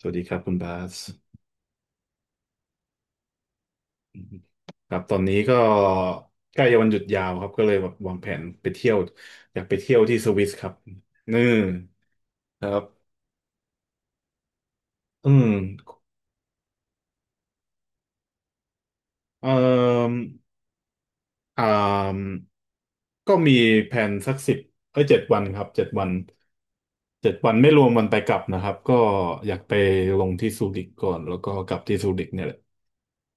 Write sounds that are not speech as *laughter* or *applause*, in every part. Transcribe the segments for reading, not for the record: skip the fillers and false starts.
สวัสดีครับคุณบาสครับตอนนี้ก็ใกล้จะวันหยุดยาวครับก็เลยแบบวางแผนไปเที่ยวอยากไปเที่ยวที่สวิสครับนี่ครับอืมเอ่มอ่ามก็มีแผนสักสิบเอ้ยเจ็ดวันครับเจ็ดวันเจ็ดวันไม่รวมวันไปกลับนะครับก็อยากไปลงที่ซูริกก่อนแล้วก็กลับที่ซูริกเนี่ยแหละ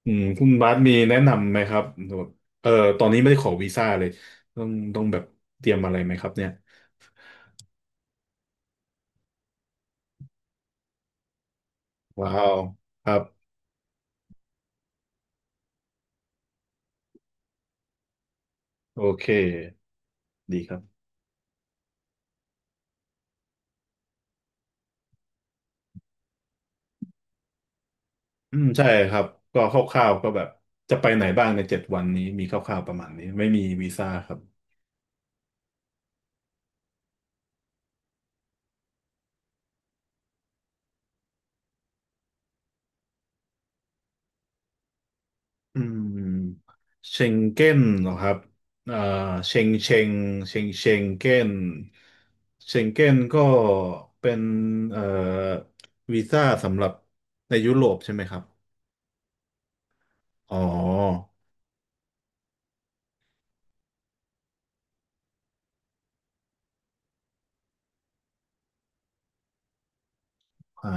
อืมคุณบาสมีแนะนำไหมครับแบบเออตอนนี้ไม่ได้ขอวีซ่าเลยต้องต้องแบบเตรียมอะไรไหมครับเนี่ยว้าวครับโอเคดีครับอืมใช่ครับก็คร่าวๆก็แบบจะไปไหนบ้างในเจ็ดวันนี้มีคร่าวๆประมาณนี้ไม่มีวีซ่าครับอืมเชงเก้นเหรอครับอ่าเชงเชงเชงเชงเก้นเชงเก้นก็เป็นเอ่อวีซ่าสำหรับในยุโรปใช่ไหมครับ อ๋ออ่า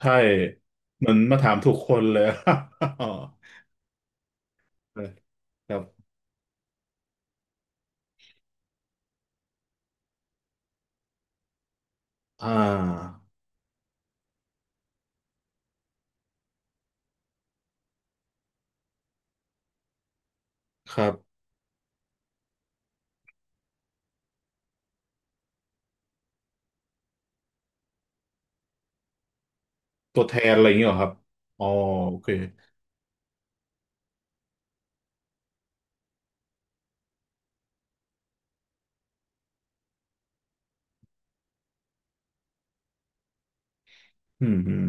ใช่มันมาถามถูกคนเลย *laughs* อ๋อครับอ่าครับตัวแทนอะไรอย่างเงี้ยเหรอครับอ๋อโอเคอืมอืม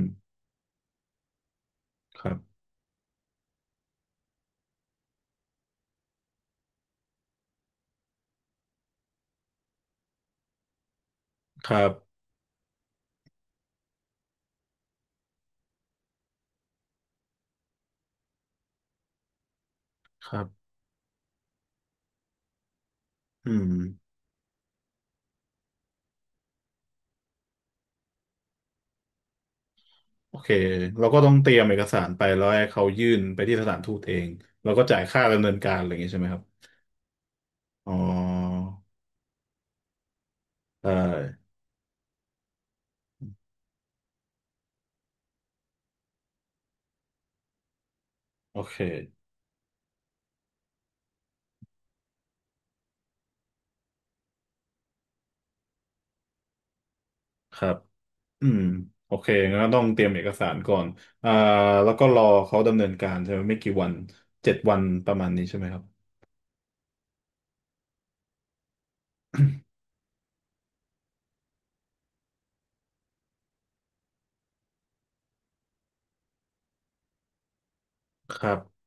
ครับครับครับอืมโอเคเราก็ต้องเตรียมเอกสารไปแล้วให้เขายื่นไปที่สถานทูตเอง แล้วก็จ่ายค่าดำเนินการอะไรอย่างเงี้ยใช่ไหมครับอ๋อได้โอเคครับ อืมโอเคงั้นก็ต้องเตรียมเอกสารก่อนอ่าแล้วก็รอเขาดำเนินการใช่ไหมไม่กี่วันเจ็ดวันประมาณนี้ใช่ไหมครับ *coughs* ครับ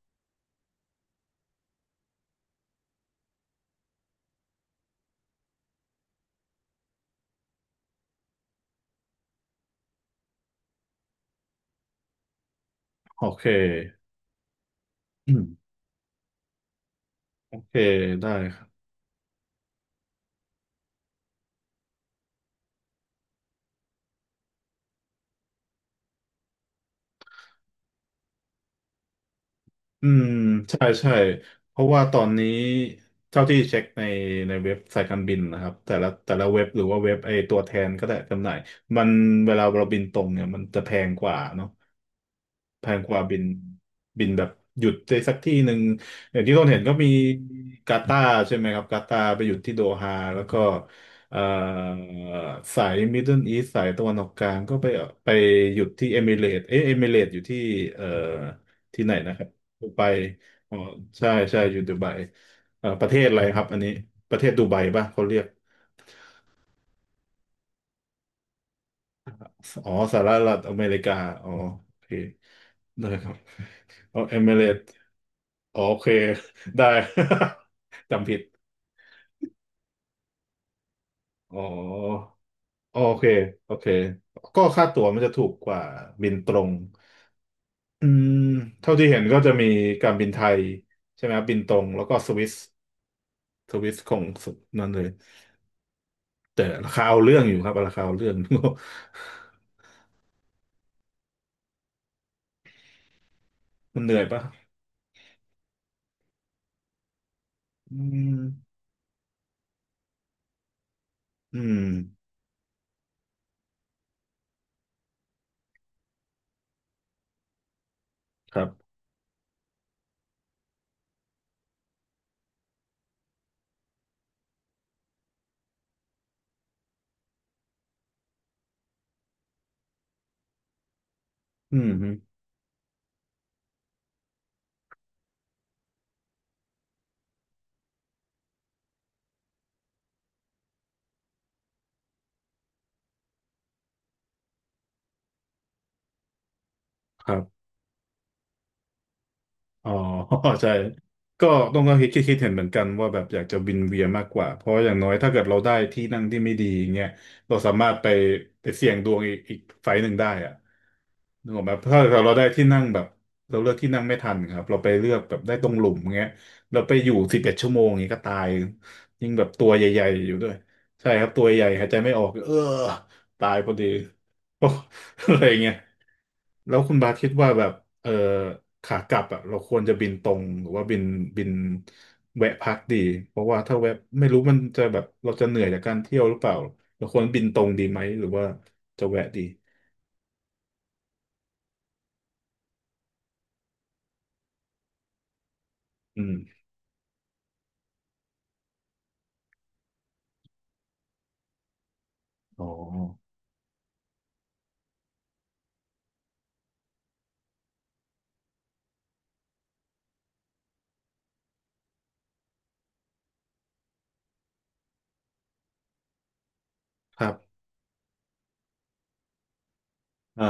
โอเคอืมโอเคได้ครับอืมใช่ใช่เพราะว่าตอนนี้เท่าที่เช็คในเว็บสายการบินนะครับแต่ละเว็บหรือว่าเว็บไอตัวแทนก็ได้จำหน่ายมันเวลาเราบินตรงเนี่ยมันจะแพงกว่าเนาะ แพงกว่าบินแบบหยุดในสักที่หนึ่งอย่างที่ต้นเห็นก็มีกาตาร์ใช่ไหมครับกาตาร์ไปหยุดที่โดฮาแล้วก็เอ่อสายมิดเดิลอีสสายตะวันออกกลางก็ไปไปหยุดที่เอมิเรตเอ๊ะเอมิเรตอยู่ที่เอ่อที่ไหนนะครับดูไบอ๋อใช่ใช่อยู่ดูไบประเทศอะไรครับอันนี้ประเทศดูไบป่ะเขาเรียกอ๋อสหรัฐอเมริกาอ๋อโอเคได้ครับ *laughs* อ๋อาเอมิเรต โอเคได้ *laughs* จำผิดอ๋อโอเคโอเคก็ค่าตั๋วมันจะถูกกว่าบินตรงอืมเท่าที่เห็นก็จะมีการบินไทยใช่ไหมครับบินตรงแล้วก็สวิสของสุดนั่นเลยแต่ราคาเอาเรื่องอยู่ครับราคาเอาเรื่อง *laughs* มันเหนื่อยปะอืมอืมครับอืมฮึครับ อ๋อ *laughs* ใช่ก็ต้องก็คิดคิดเห็นเหมือนกันว่าแบบอยากจะวินเวียนมากกว่าเพราะอย่างน้อยถ้าเกิดเราได้ที่นั่งที่ไม่ดีอย่างเงี้ยเราสามารถไปเสี่ยงดวงอีกไฟล์หนึ่งได้อะนึกออกไหมถ้าเกิดเราได้ที่นั่งแบบเราเลือกที่นั่งไม่ทันครับเราไปเลือกแบบได้ตรงหลุมเงี้ยเราไปอยู่สิบเอ็ดชั่วโมงอย่างเงี้ยก็ตายยิ่งแบบตัวใหญ่ๆอยู่ด้วยใช่ครับตัวใหญ่หายใจไม่ออกเออตายพอดี *laughs* อะไรเงี้ย แล้วคุณบาสคิดว่าแบบเออขากลับอ่ะเราควรจะบินตรงหรือว่าบินบินแวะพักดี เพราะว่าถ้าแวะไม่รู้มันจะแบบเราจะเหนื่อยจากการเที่ยวหรือเปล่าเราควรบินตรงดีไหมหรือว่าจะแวะดีอืมอ๋อ ครับ อ่า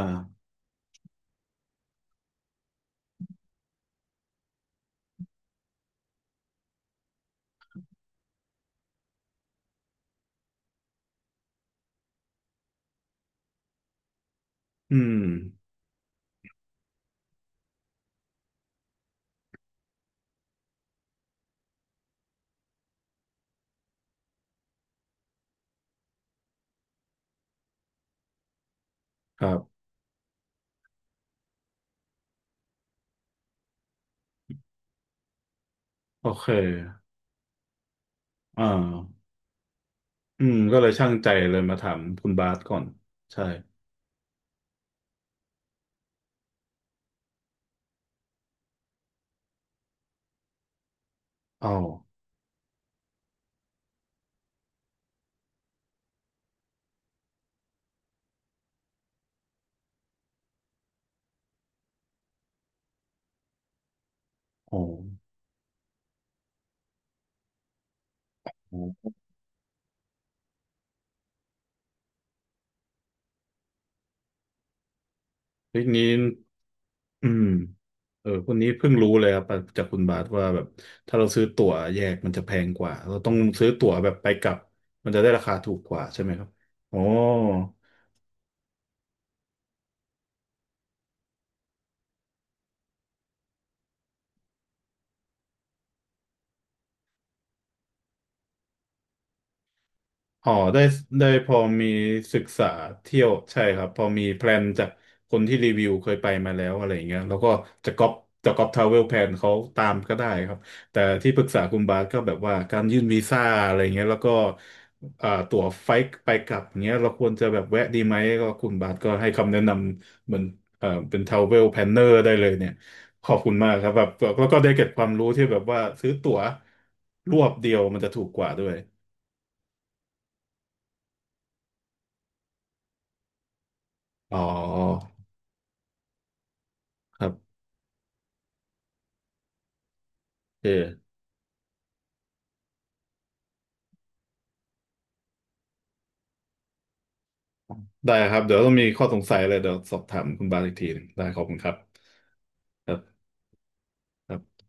อืมครับ โอเคอ่าอืมก็เลยช่างใจเลยมาถามคุณบาสก่อนใช่อ้าวโอ้โหทีนี้อืม เออคนนี้เพิ่งรู้เลยครับจากคุณบาทว่าแบบถ้าเราซื้อตั๋วแยกมันจะแพงกว่าเราต้องซื้อตั๋วแบบไปกลับมันจะได้ราคาถูกกว่าใช่ไหมครับอ๋อ อ๋อได้ได้พอมีศึกษาเที่ยวใช่ครับพอมีแพลนจากคนที่รีวิวเคยไปมาแล้วอะไรอย่างเงี้ยแล้วก็จะก๊อปทราเวลแพลนเขาตามก็ได้ครับแต่ที่ปรึกษาคุณบาสก็แบบว่าการยื่นวีซ่าอะไรเงี้ยแล้วก็อ่าตั๋วไฟล์ไปกลับอย่างเงี้ยเราควรจะแบบแวะดีไหมก็คุณบาสก็ให้คำแนะนำเหมือนเป็นทราเวลแพลนเนอร์ได้เลยเนี่ยขอบคุณมากครับแบบแล้วก็ได้เก็บความรู้ที่แบบว่าซื้อตั๋วรวบเดียวมันจะถูกกว่าด้วยอ๋อ ครับโอเคได้ครับ เดี๋ยวต้องมีข้อสงสัยอะไรเดี๋ยวสอบถามคุณบาสอีกทีหนึ่งได้ขอบคุณครับครับครับ